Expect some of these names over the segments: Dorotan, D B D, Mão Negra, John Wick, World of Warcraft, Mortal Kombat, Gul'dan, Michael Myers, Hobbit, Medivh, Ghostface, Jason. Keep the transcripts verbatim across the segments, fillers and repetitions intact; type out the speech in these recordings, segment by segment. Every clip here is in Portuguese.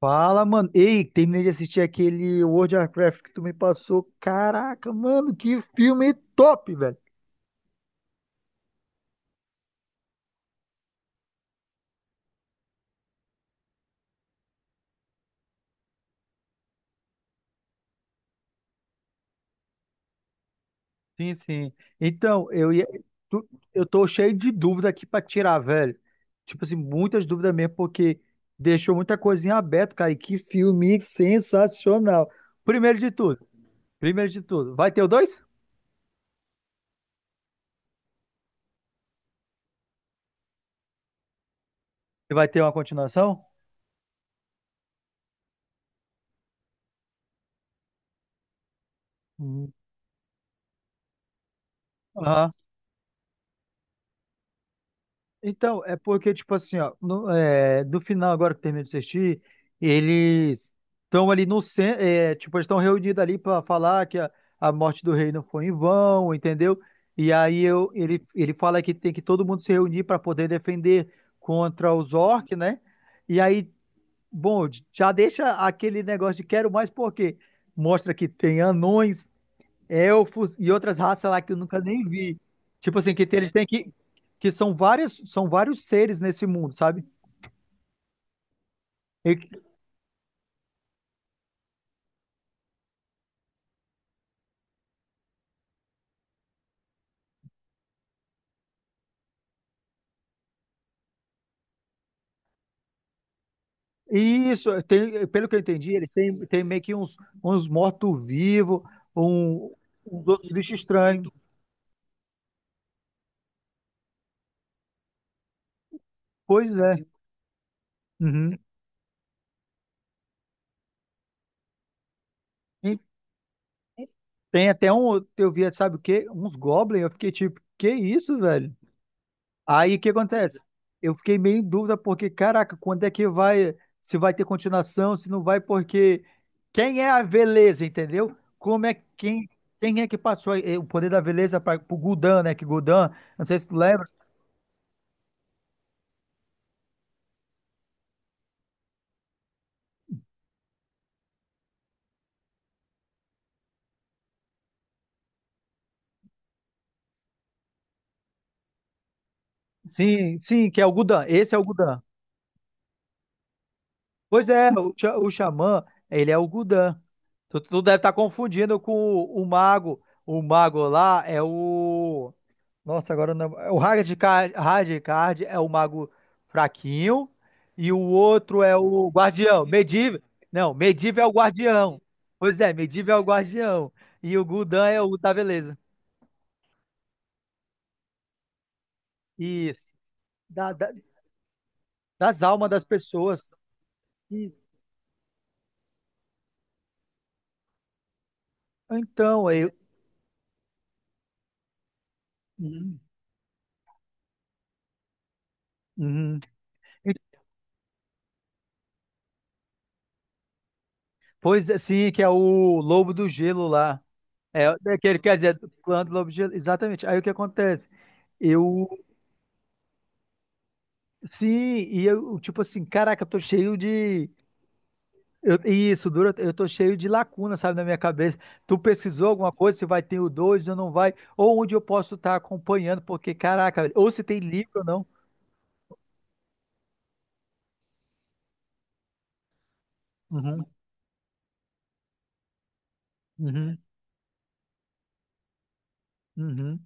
Fala, mano. Ei, terminei de assistir aquele World of Warcraft que tu me passou. Caraca, mano, que filme top, velho. Sim, sim. Então, eu ia, tu- eu tô cheio de dúvida aqui pra tirar, velho. Tipo assim, muitas dúvidas mesmo, porque deixou muita coisinha aberta, cara. E que filme sensacional. Primeiro de tudo, primeiro de tudo, vai ter o dois? Vai ter uma continuação? Hum. Então, é porque, tipo assim, ó, no, é, do final agora que termina de assistir, eles estão ali no centro, é, tipo, eles estão reunidos ali para falar que a, a morte do rei não foi em vão, entendeu? E aí eu, ele, ele fala que tem que todo mundo se reunir para poder defender contra os orcs, né? E aí, bom, já deixa aquele negócio de quero mais porque mostra que tem anões, elfos e outras raças lá que eu nunca nem vi. Tipo assim, que tem- eles têm que. Que são várias, são vários seres nesse mundo, sabe? E, e isso, tem, pelo que eu entendi, eles têm, têm meio que uns, uns mortos-vivos, um, uns outros bichos estranhos. Pois é. Uhum. E tem até um. Eu vi, sabe o quê? Uns goblins. Eu fiquei tipo, que isso, velho? Aí o que acontece? Eu fiquei meio em dúvida porque, caraca, quando é que vai, se vai ter continuação, se não vai, porque quem é a veleza, entendeu? Como é quem, quem é que passou eh, o poder da veleza para o Gudan, né? Que Gudan, não sei se tu lembra. Sim, sim, que é o Gudan. Esse é o Gudan. Pois é, o, xa- o xamã, ele é o Gudan. Tu, tu deve estar confundindo com o, o mago. O mago lá é o. Nossa, agora não. É o Hardcard, Hardcard é o mago fraquinho. E o outro é o guardião. Medivh. Não, Medivh é o guardião. Pois é, Medivh é o guardião. E o Gudan é o da beleza. Isso. Da- da- Das almas das pessoas. E- então, eu. Uhum. Uhum. Pois é, sim, que é o Lobo do Gelo lá. É, é que ele quer dizer, do clã do Lobo do Gelo. Exatamente. Aí o que acontece? Eu, sim, e eu, tipo assim, caraca, eu tô cheio de. Eu- isso, dura, eu tô cheio de lacuna, sabe, na minha cabeça. Tu pesquisou alguma coisa, se vai ter o dois ou não vai, ou onde eu posso estar acompanhando, porque, caraca, velho, ou se tem livro ou não. Uhum, uhum, uhum.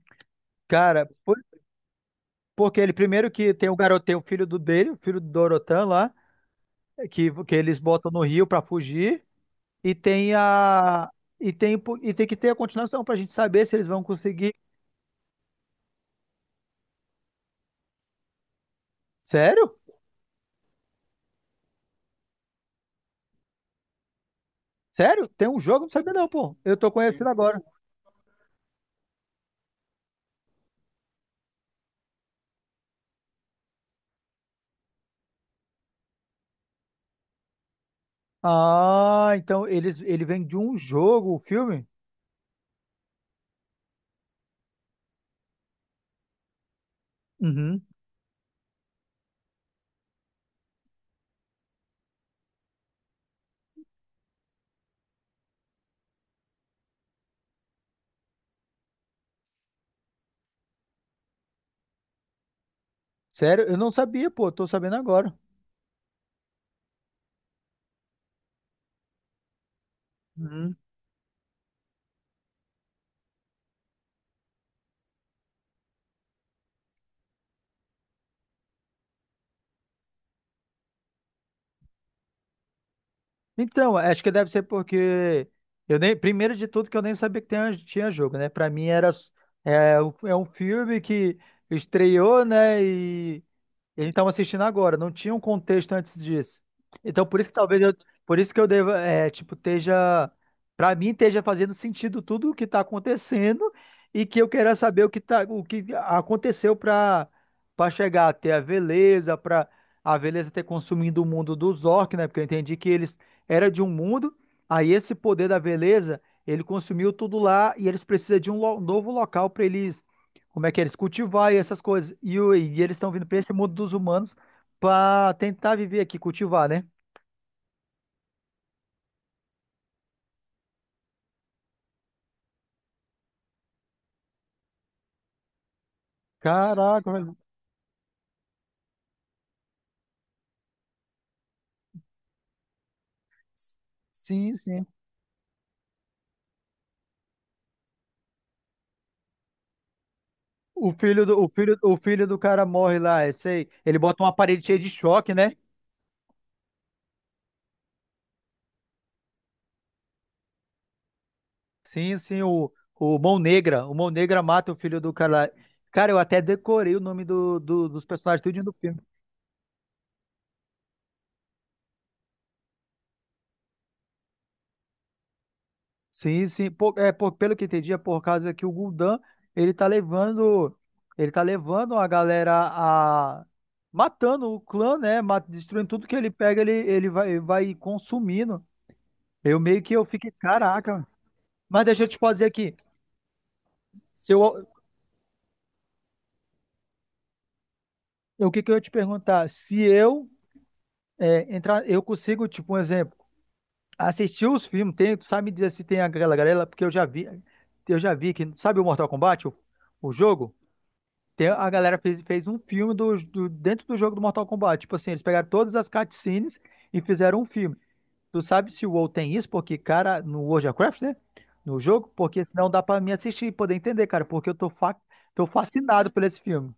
Cara, por- porque ele primeiro que tem o garoto, tem o filho do dele, o filho do Dorotan lá, que, que eles botam no rio pra fugir. E tem a. E tem, um po- e tem que ter a continuação pra gente saber se eles vão conseguir. Sério? Sério? Tem um jogo? Não sabia não, pô. Eu tô conhecendo agora. Ah, então eles, ele vem de um jogo, o filme? Uhum. Sério? Eu não sabia, pô. Tô sabendo agora. Uhum. Então, acho que deve ser porque. Eu nem, primeiro de tudo, que eu nem sabia que tinha, tinha jogo, né? Pra mim era. s- É, um- é um filme que estreou, né? E, e a gente estava assistindo agora, não tinha um contexto antes disso. Então, por isso que talvez eu, por isso que eu deva, é, tipo, esteja, para mim, esteja fazendo sentido tudo o que está acontecendo e que eu queira saber o que tá, o que aconteceu para para chegar até a Veleza, para a Veleza ter consumido o mundo dos orcs, né? Porque eu entendi que eles era de um mundo, aí esse poder da Veleza, ele consumiu tudo lá e eles precisam de um lo- novo local para eles como é que é eles cultivar e essas coisas. E, o- e eles estão vindo para esse mundo dos humanos para tentar viver aqui, cultivar, né? Caraca, velho. Sim, sim. O filho do, o filho, o filho do cara morre lá, esse aí. Ele bota uma parede cheia de choque, né? Sim, sim, o, o Mão Negra. O Mão Negra mata o filho do cara lá. Cara, eu até decorei o nome do, do- dos personagens tudinho do filme. Sim, sim. Por- é, por- pelo que entendi, é por causa que o Gul'dan, ele tá levando, ele tá levando a galera a matando o clã, né? ma- Destruindo tudo que ele pega, ele, ele vai, vai consumindo. Eu meio que eu fiquei, caraca. Mas deixa eu te fazer aqui. Se eu, o que que eu ia te perguntar? Se eu é, entrar, eu consigo, tipo, um exemplo, assistir os filmes, tem, tu sabe me dizer se tem aquela galera, porque eu já vi, eu já vi que, sabe o Mortal Kombat, o o jogo? Tem- a galera fez, fez um filme do, do- dentro do jogo do Mortal Kombat. Tipo assim, eles pegaram todas as cutscenes e fizeram um filme. Tu sabe se o uau tem isso? Porque, cara, no World of Warcraft, né? No jogo, porque senão dá pra me assistir e poder entender, cara. Porque eu tô, fa tô fascinado por esse filme.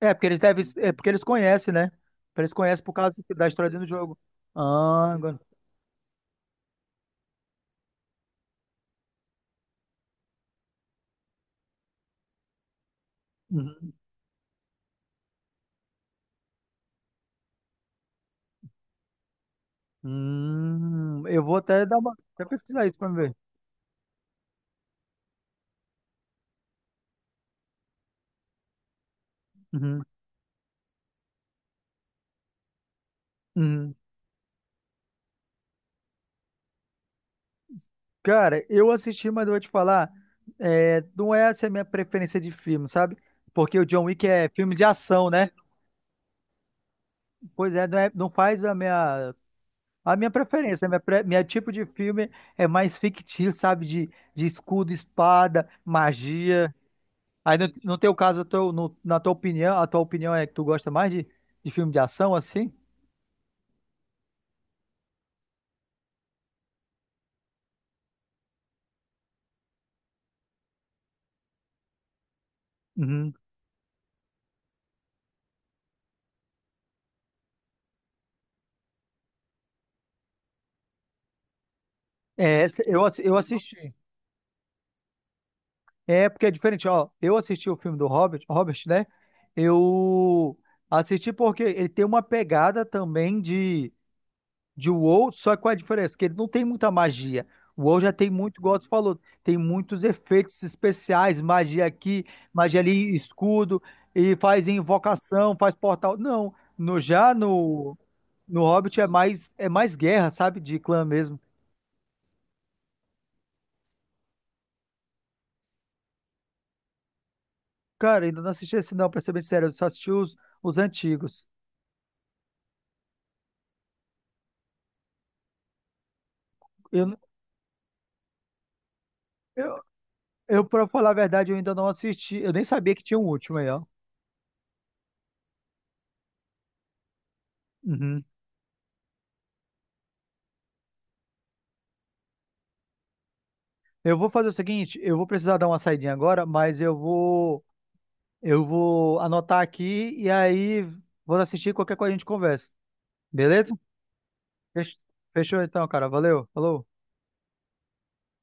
É, porque eles devem. É porque eles conhecem, né? Eles conhecem por causa da história dentro do jogo. Ah, agora. Uhum. Hum, eu vou até dar uma. Até pesquisar isso pra me ver. Uhum. Uhum. Cara, eu assisti, mas eu vou te falar, é, não é essa a minha preferência de filme, sabe? Porque o John Wick é filme de ação, né? Pois é, não, é- não faz a minha, a minha preferência. Minha, pre- minha tipo de filme é mais fictício, sabe? De, de escudo, espada, magia. Aí no, no teu caso, eu tô- no- na tua opinião, a tua opinião é que tu gosta mais de, de filme de ação, assim? Uhum. É, essa- eu, assi- eu assisti. É, porque é diferente, ó. Eu assisti o filme do Robert, Robert, né? Eu assisti porque ele tem uma pegada também de, de uau, só que qual é a diferença? Que ele não tem muita magia. O uau já tem muito, igual você falou, tem muitos efeitos especiais, magia aqui, magia ali, escudo, e faz invocação, faz portal. Não, no, já no, no Hobbit é mais, é mais guerra, sabe? De clã mesmo. Cara, ainda não assisti esse não, pra ser bem sério, eu só assisti os, os antigos. Eu, eu, Eu, pra falar a verdade, eu ainda não assisti. Eu nem sabia que tinha um último aí, ó. Uhum. Eu vou fazer o seguinte, eu vou precisar dar uma saidinha agora, mas eu vou, eu vou anotar aqui e aí vou assistir qualquer coisa a gente conversa. Beleza? Fech- Fechou então, cara. Valeu. Falou.